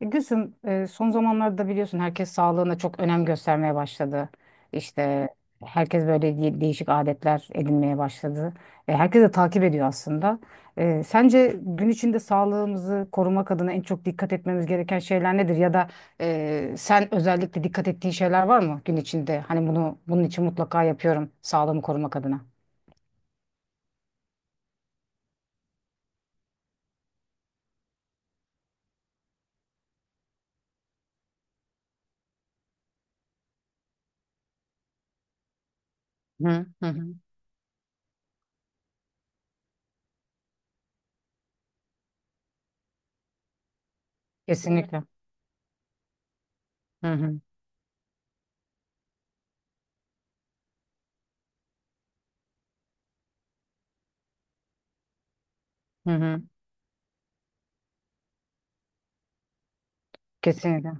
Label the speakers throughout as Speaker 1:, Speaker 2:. Speaker 1: Gülsüm, son zamanlarda biliyorsun herkes sağlığına çok önem göstermeye başladı. İşte herkes böyle değişik adetler edinmeye başladı. Herkes de takip ediyor aslında. Sence gün içinde sağlığımızı korumak adına en çok dikkat etmemiz gereken şeyler nedir? Ya da sen özellikle dikkat ettiğin şeyler var mı gün içinde? Hani bunun için mutlaka yapıyorum sağlığımı korumak adına. Hı hı hı. Kesinlikle. Hı hı. Hı hı. Kesinlikle.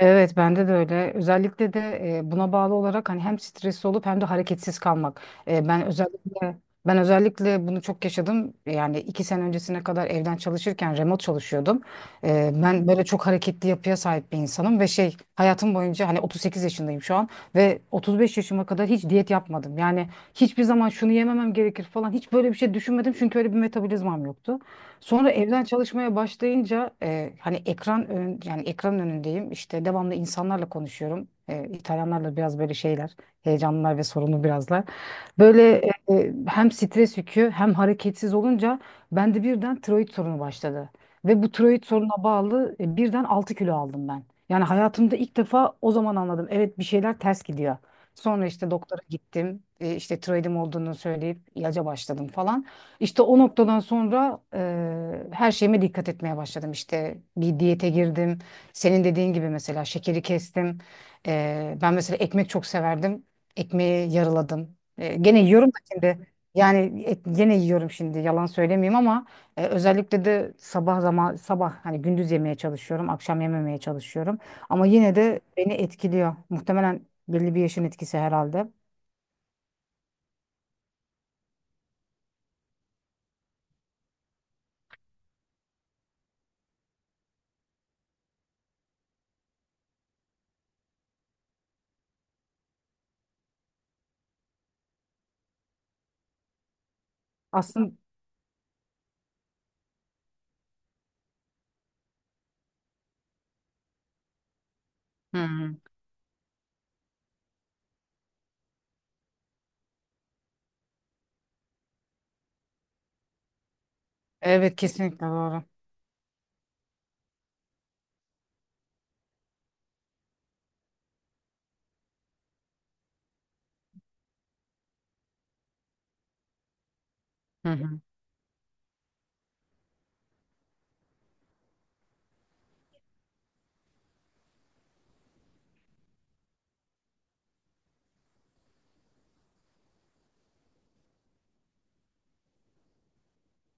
Speaker 1: Evet bende de öyle. Özellikle de buna bağlı olarak hani hem stresli olup hem de hareketsiz kalmak. E, ben özellikle ben özellikle bunu çok yaşadım. Yani 2 sene öncesine kadar evden çalışırken remote çalışıyordum. Ben böyle çok hareketli yapıya sahip bir insanım ve şey hayatım boyunca hani 38 yaşındayım şu an ve 35 yaşıma kadar hiç diyet yapmadım. Yani hiçbir zaman şunu yememem gerekir falan hiç böyle bir şey düşünmedim çünkü öyle bir metabolizmam yoktu. Sonra evden çalışmaya başlayınca hani yani ekran önündeyim. İşte devamlı insanlarla konuşuyorum. İtalyanlarla biraz böyle şeyler, heyecanlılar ve sorunlu birazlar. Böyle hem stres yükü hem hareketsiz olunca bende birden tiroid sorunu başladı. Ve bu tiroid soruna bağlı birden 6 kilo aldım ben. Yani hayatımda ilk defa o zaman anladım. Evet, bir şeyler ters gidiyor. Sonra işte doktora gittim. İşte tiroidim olduğunu söyleyip ilaca başladım falan. İşte o noktadan sonra her şeyime dikkat etmeye başladım. İşte bir diyete girdim. Senin dediğin gibi mesela şekeri kestim. Ben mesela ekmek çok severdim. Ekmeği yarıladım. Gene yiyorum da şimdi. Yani et, gene yiyorum şimdi. Yalan söylemeyeyim ama özellikle de sabah hani gündüz yemeye çalışıyorum, akşam yememeye çalışıyorum. Ama yine de beni etkiliyor. Muhtemelen belli bir yaşın etkisi herhalde. Aslında. Hı hı. Evet kesinlikle doğru. Hı hı.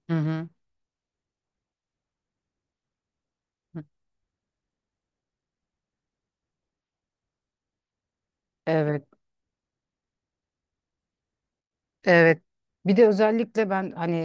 Speaker 1: Hı hı. Evet. Evet. Bir de özellikle ben hani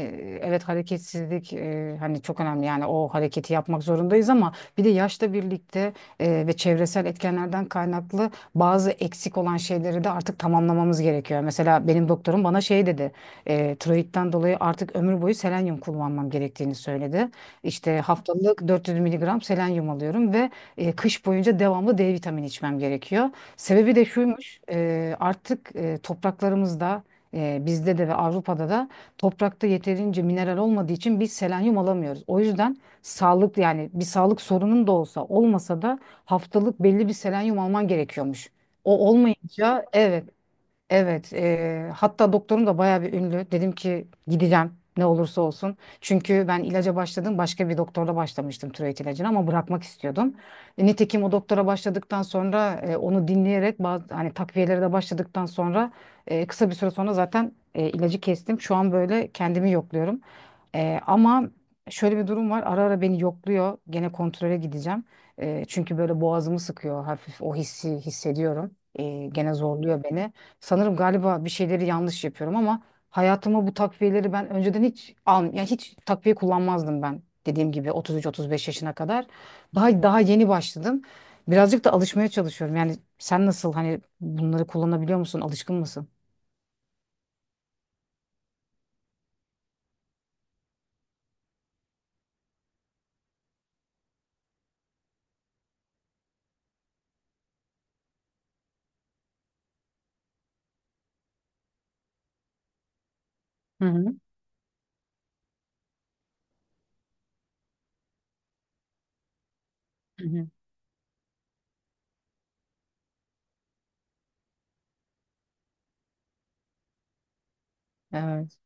Speaker 1: evet, hareketsizlik, hani çok önemli yani o hareketi yapmak zorundayız ama bir de yaşla birlikte ve çevresel etkenlerden kaynaklı bazı eksik olan şeyleri de artık tamamlamamız gerekiyor. Mesela benim doktorum bana şey dedi, tiroidten dolayı artık ömür boyu selenyum kullanmam gerektiğini söyledi. İşte haftalık 400 miligram selenyum alıyorum ve kış boyunca devamlı D vitamini içmem gerekiyor. Sebebi de şuymuş, topraklarımızda, bizde de ve Avrupa'da da toprakta yeterince mineral olmadığı için biz selenyum alamıyoruz. O yüzden sağlık yani bir sağlık sorunun da olsa olmasa da haftalık belli bir selenyum alman gerekiyormuş. O olmayınca, evet. Evet, hatta doktorum da bayağı bir ünlü. Dedim ki gideceğim ne olursa olsun. Çünkü ben ilaca başladım, başka bir doktorla başlamıştım tiroid ilacını ama bırakmak istiyordum. Nitekim o doktora başladıktan sonra onu dinleyerek bazı hani takviyelere de başladıktan sonra kısa bir süre sonra zaten ilacı kestim. Şu an böyle kendimi yokluyorum. Ama şöyle bir durum var. Ara ara beni yokluyor. Gene kontrole gideceğim. Çünkü böyle boğazımı sıkıyor, hafif o hissi hissediyorum. Gene zorluyor beni. Sanırım galiba bir şeyleri yanlış yapıyorum ama hayatıma bu takviyeleri ben önceden hiç al yani hiç takviye kullanmazdım ben. Dediğim gibi 33-35 yaşına kadar. Daha yeni başladım. Birazcık da alışmaya çalışıyorum. Yani sen nasıl, hani bunları kullanabiliyor musun? Alışkın mısın? Hı hı. Hı hı. Evet.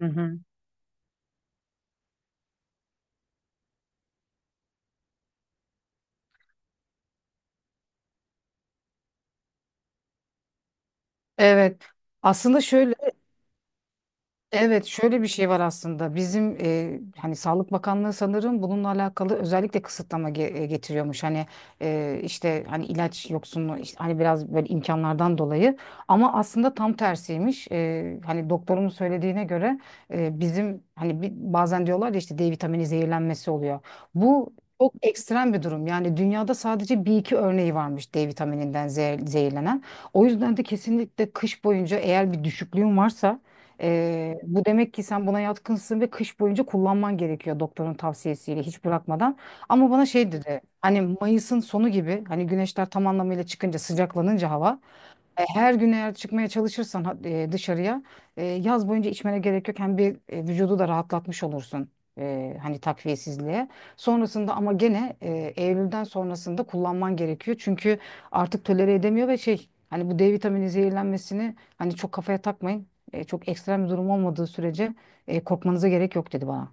Speaker 1: Hı hı. Evet. Aslında şöyle Evet, şöyle bir şey var aslında. Bizim hani Sağlık Bakanlığı sanırım bununla alakalı özellikle kısıtlama getiriyormuş. Hani işte hani ilaç yoksunluğu, işte hani biraz böyle imkanlardan dolayı, ama aslında tam tersiymiş. Hani doktorumun söylediğine göre bizim hani bazen diyorlar ya, işte D vitamini zehirlenmesi oluyor. Bu Çok ekstrem bir durum. Yani dünyada sadece bir iki örneği varmış D vitamininden zehirlenen. O yüzden de kesinlikle kış boyunca eğer bir düşüklüğün varsa bu demek ki sen buna yatkınsın ve kış boyunca kullanman gerekiyor doktorun tavsiyesiyle hiç bırakmadan. Ama bana şey dedi, hani Mayıs'ın sonu gibi hani güneşler tam anlamıyla çıkınca, sıcaklanınca hava, her gün eğer çıkmaya çalışırsan dışarıya, yaz boyunca içmene gerek yok. Hem bir vücudu da rahatlatmış olursun takviyesizliğe. Sonrasında ama gene Eylül'den sonrasında kullanman gerekiyor. Çünkü artık tolere edemiyor ve şey, hani bu D vitamini zehirlenmesini hani çok kafaya takmayın. Çok ekstrem bir durum olmadığı sürece korkmanıza gerek yok dedi bana.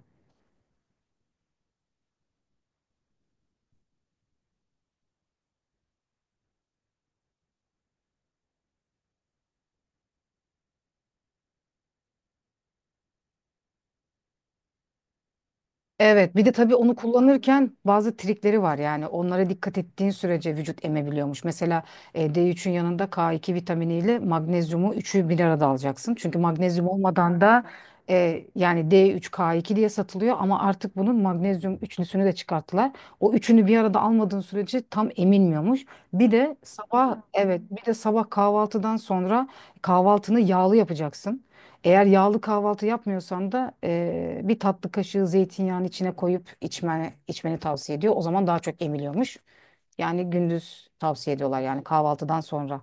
Speaker 1: Evet, bir de tabii onu kullanırken bazı trikleri var, yani onlara dikkat ettiğin sürece vücut emebiliyormuş. Mesela D3'ün yanında K2 vitaminiyle magnezyumu üçü bir arada alacaksın. Çünkü magnezyum olmadan da yani D3 K2 diye satılıyor ama artık bunun magnezyum üçlüsünü de çıkarttılar. O üçünü bir arada almadığın sürece tam emilmiyormuş. Bir de sabah, evet, bir de sabah kahvaltıdan sonra kahvaltını yağlı yapacaksın. Eğer yağlı kahvaltı yapmıyorsan da bir tatlı kaşığı zeytinyağını içine koyup içmeni tavsiye ediyor. O zaman daha çok emiliyormuş. Yani gündüz tavsiye ediyorlar, yani kahvaltıdan sonra.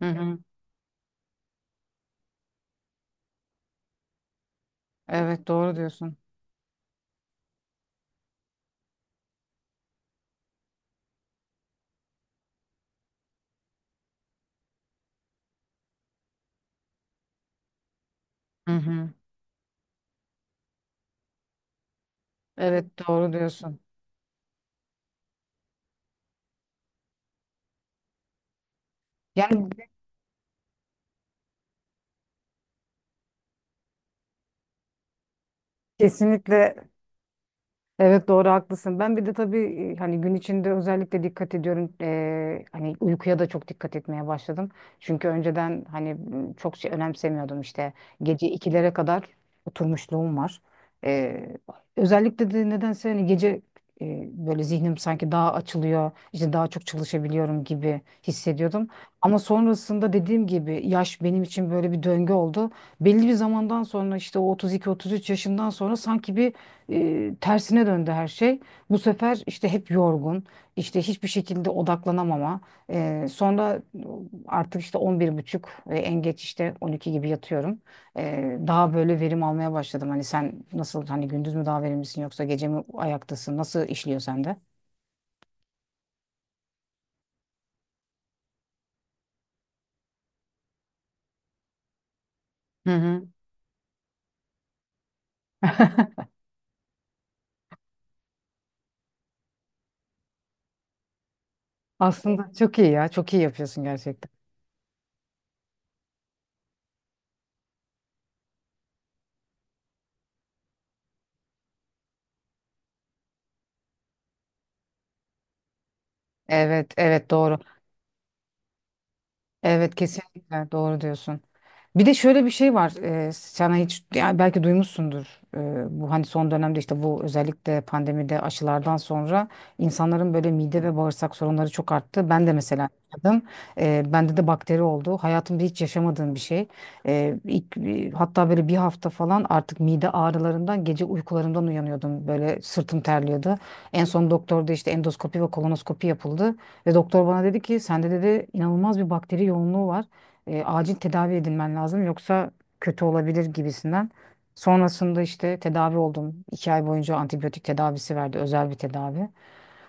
Speaker 1: Hı hı. Evet doğru diyorsun. Hı hı. Evet doğru diyorsun. Yani kesinlikle. Evet doğru haklısın. Ben bir de tabii hani gün içinde özellikle dikkat ediyorum. Hani uykuya da çok dikkat etmeye başladım. Çünkü önceden hani çok şey önemsemiyordum işte. Gece ikilere kadar oturmuşluğum var. Eee, Özellikle de nedense hani gece böyle zihnim sanki daha açılıyor, işte daha çok çalışabiliyorum gibi hissediyordum. Ama sonrasında dediğim gibi yaş benim için böyle bir döngü oldu. Belli bir zamandan sonra, işte o 32-33 yaşından sonra sanki bir tersine döndü her şey. Bu sefer işte hep yorgun, işte hiçbir şekilde odaklanamama. Sonra artık işte 11.30 ve en geç işte 12 gibi yatıyorum. Daha böyle verim almaya başladım. Hani sen nasıl, hani gündüz mü daha verimlisin yoksa gece mi ayaktasın? Nasıl işliyor sende? Hı hı. Aslında çok iyi ya. Çok iyi yapıyorsun gerçekten. Evet, evet doğru. Evet kesinlikle doğru diyorsun. Bir de şöyle bir şey var. Sana hiç, yani belki duymuşsundur. Bu hani son dönemde işte bu özellikle pandemide aşılardan sonra insanların böyle mide ve bağırsak sorunları çok arttı. Ben de mesela yaşadım. Bende de bakteri oldu. Hayatımda hiç yaşamadığım bir şey. Hatta böyle bir hafta falan artık mide ağrılarından gece uykularımdan uyanıyordum. Böyle sırtım terliyordu. En son doktorda işte endoskopi ve kolonoskopi yapıldı. Ve doktor bana dedi ki sende dedi inanılmaz bir bakteri yoğunluğu var. Acil tedavi edilmen lazım yoksa kötü olabilir gibisinden. Sonrasında işte tedavi oldum. 2 ay boyunca antibiyotik tedavisi verdi, özel bir tedavi.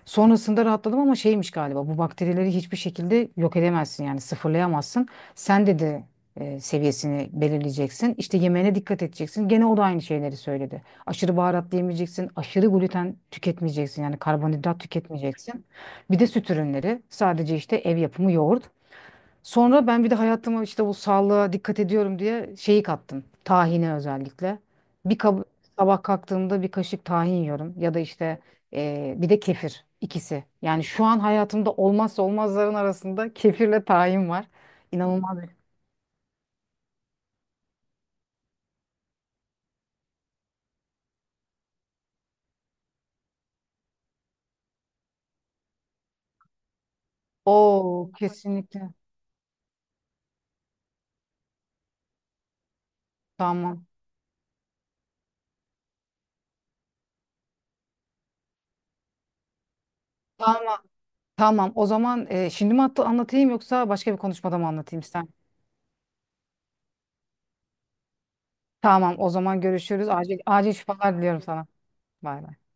Speaker 1: Sonrasında rahatladım ama şeymiş galiba, bu bakterileri hiçbir şekilde yok edemezsin yani sıfırlayamazsın. Sen de seviyesini belirleyeceksin. İşte yemeğine dikkat edeceksin. Gene o da aynı şeyleri söyledi. Aşırı baharat yemeyeceksin. Aşırı gluten tüketmeyeceksin. Yani karbonhidrat tüketmeyeceksin. Bir de süt ürünleri. Sadece işte ev yapımı yoğurt. Sonra ben bir de hayatıma işte bu sağlığa dikkat ediyorum diye şeyi kattım. Tahine özellikle. Bir kab- Sabah kalktığımda bir kaşık tahin yiyorum ya da işte bir de kefir, ikisi. Yani şu an hayatımda olmazsa olmazların arasında kefirle tahin var. İnanılmaz. Oo, kesinlikle. Tamam. Tamam. Tamam. O zaman şimdi mi hatta anlatayım yoksa başka bir konuşmada mı anlatayım ister misin? Tamam. O zaman görüşürüz. Acil acil şifalar diliyorum sana. Bay bay.